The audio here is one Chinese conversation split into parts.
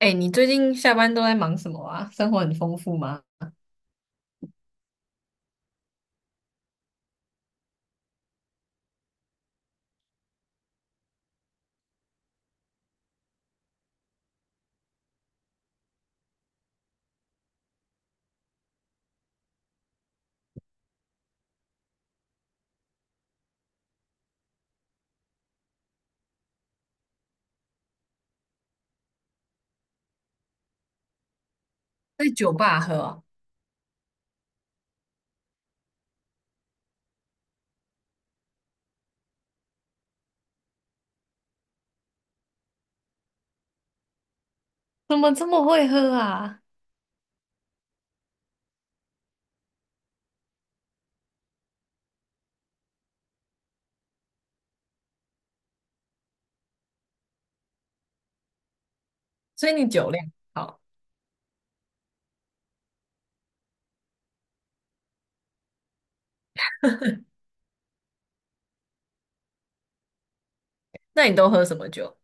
哎，你最近下班都在忙什么啊？生活很丰富吗？在酒吧喝啊？怎么这么会喝啊？所以你酒量好。那你都喝什么酒？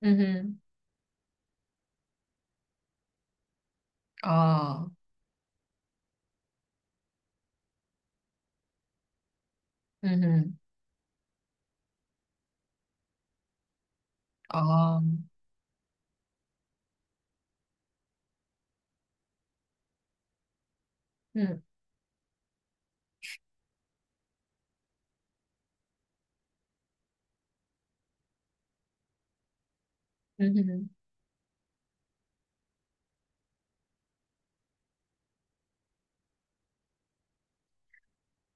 嗯哼。哦。嗯哼。哦。嗯嗯哼。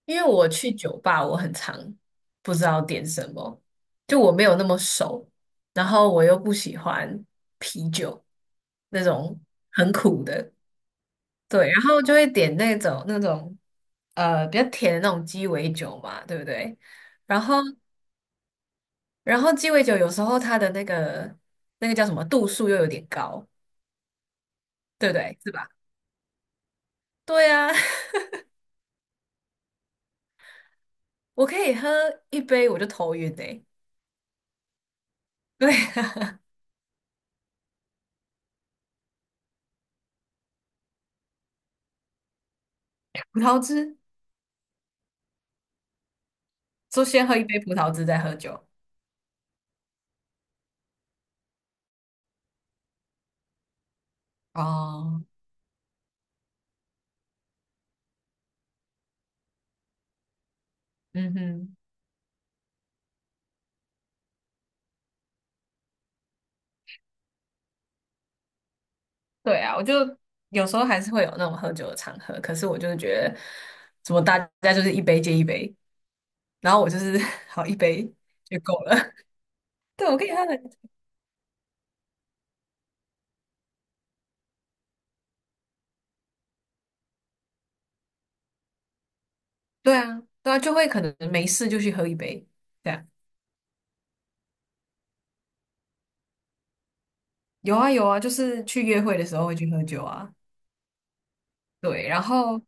因为我去酒吧，我很常不知道点什么，就我没有那么熟，然后我又不喜欢啤酒那种很苦的。对，然后就会点那种比较甜的那种鸡尾酒嘛，对不对？然后然后鸡尾酒有时候它的那个叫什么度数又有点高，对不对？是吧？对啊。我可以喝一杯我就头晕诶、对啊。 葡萄汁，就先喝一杯葡萄汁再喝酒。哦。嗯哼。对啊，我就有时候还是会有那种喝酒的场合，可是我就是觉得，怎么大家就是一杯接一杯，然后我就是 好一杯就够了。对，我可以喝很。对啊，对啊，就会可能没事就去喝一杯，这样。有啊，有啊，就是去约会的时候会去喝酒啊。对，然后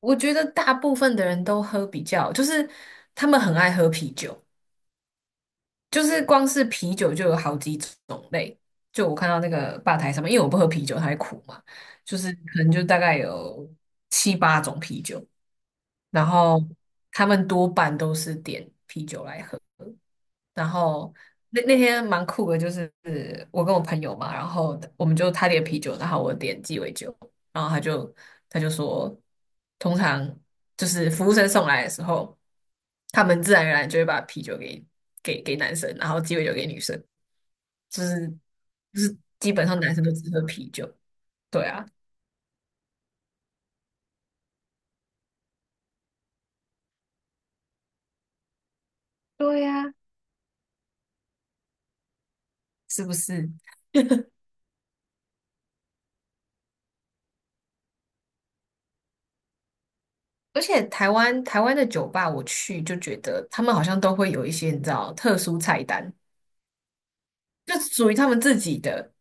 我觉得大部分的人都喝比较，就是他们很爱喝啤酒，就是光是啤酒就有好几种类，就我看到那个吧台上面，因为我不喝啤酒，它会苦嘛，就是可能就大概有七八种啤酒，然后他们多半都是点啤酒来喝。然后那天蛮酷的，就是我跟我朋友嘛，然后我们就他点啤酒，然后我点鸡尾酒，然后他就说，通常就是服务生送来的时候，他们自然而然就会把啤酒给男生，然后鸡尾酒给女生，就是就是基本上男生都只喝啤酒。对啊，对呀、是不是？而且台湾的酒吧我去就觉得他们好像都会有一些你知道特殊菜单，就属于他们自己的。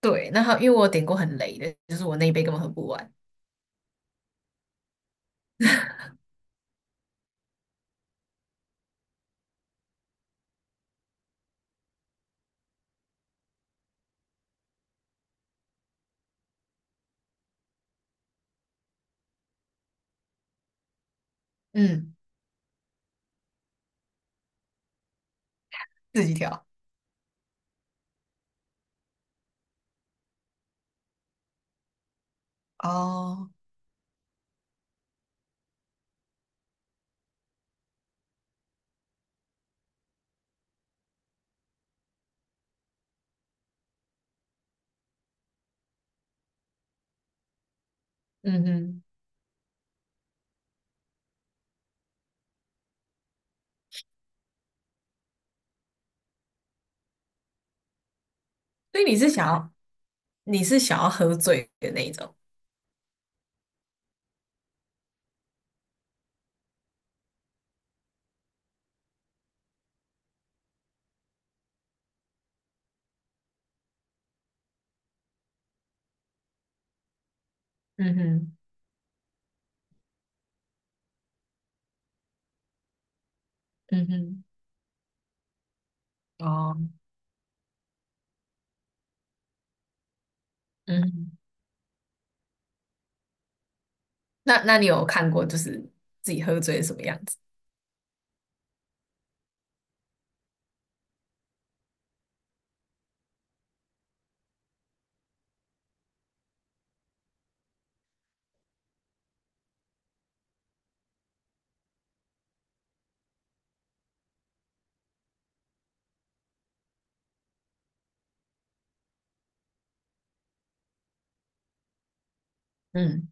对，那他因为我有点过很雷的，就是我那一杯根本喝不完。嗯，自己调。哦。嗯哼。所以你是想要喝醉的那一种。嗯哼。嗯哼。哦。嗯哼。那你有看过就是自己喝醉是什么样子？嗯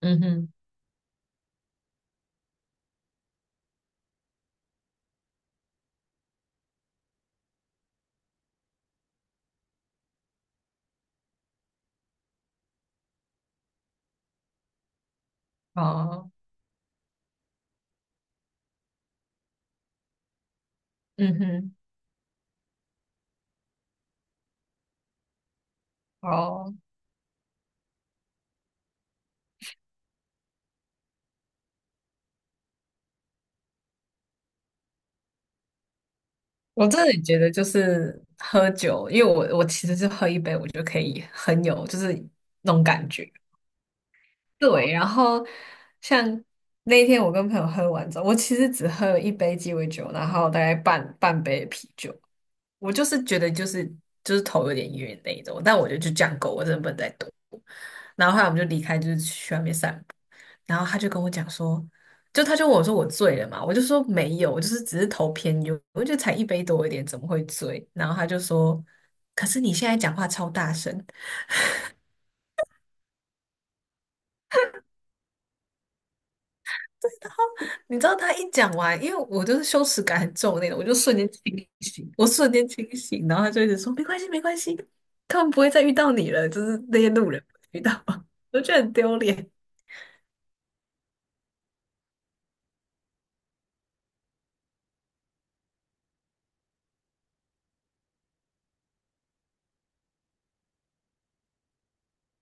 嗯哼。哦。嗯哼。哦，我真的觉得就是喝酒，因为我其实是喝一杯我就可以很有就是那种感觉。对，然后像那天我跟朋友喝完之后，我其实只喝了一杯鸡尾酒，然后大概半杯啤酒，我就是觉得就是头有点晕那一种，但我觉得就这样够，我真的不能再多。然后后来我们就离开，就是去外面散步，然后他就跟我讲说，就他就问我说我醉了嘛，我就说没有，我就是只是头偏晕，我就觉得才一杯多一点，怎么会醉？然后他就说，可是你现在讲话超大声。然后你知道他一讲完，因为我就是羞耻感很重的那种，我就瞬间清醒，我瞬间清醒，然后他就一直说没关系，没关系，他们不会再遇到你了，就是那些路人不会遇到。我觉得很丢脸。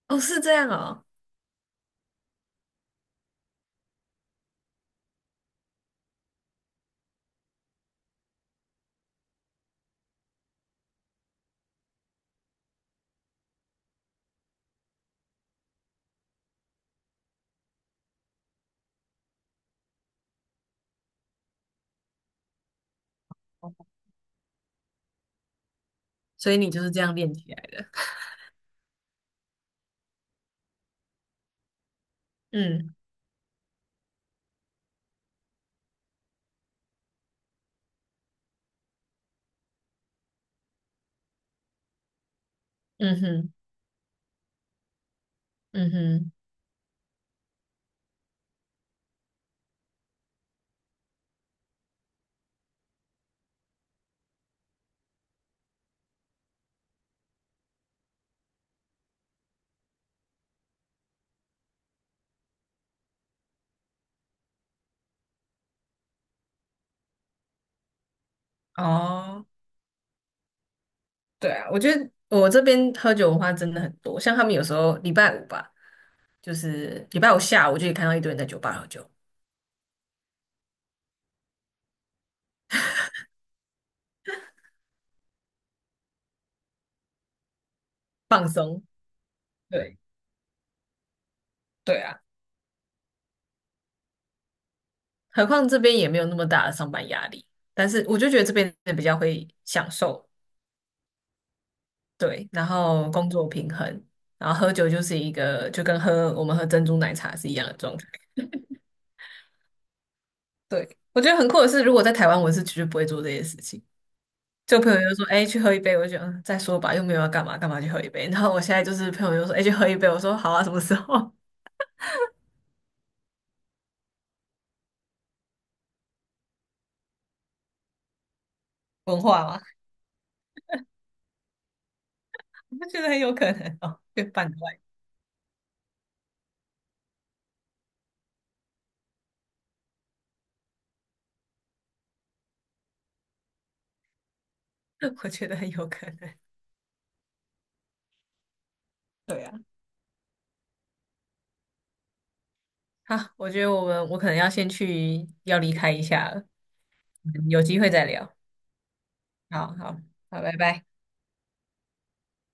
哦，是这样哦，所以你就是这样练起来的。嗯嗯哼嗯哼。哦。对啊，我觉得我这边喝酒文化真的很多，像他们有时候礼拜五吧，就是礼拜五下午就可以看到一堆人在酒吧喝酒放松。对。对啊。何况这边也没有那么大的上班压力，但是我就觉得这边的比较会享受，对，然后工作平衡，然后喝酒就是一个就跟我们喝珍珠奶茶是一样的状态。对，我觉得很酷的是，如果在台湾，我是绝对不会做这些事情。就朋友就说："哎、去喝一杯。"我就觉得嗯，再说吧，又没有要干嘛，干嘛去喝一杯？然后我现在就是朋友就说："哎、去喝一杯。"我说："好啊，什么时候？"文化吗？我觉得很有可能哦，越办过我觉得很有可能。对啊。好，我觉得我可能要先去要离开一下了，有机会再聊。好好好，拜拜。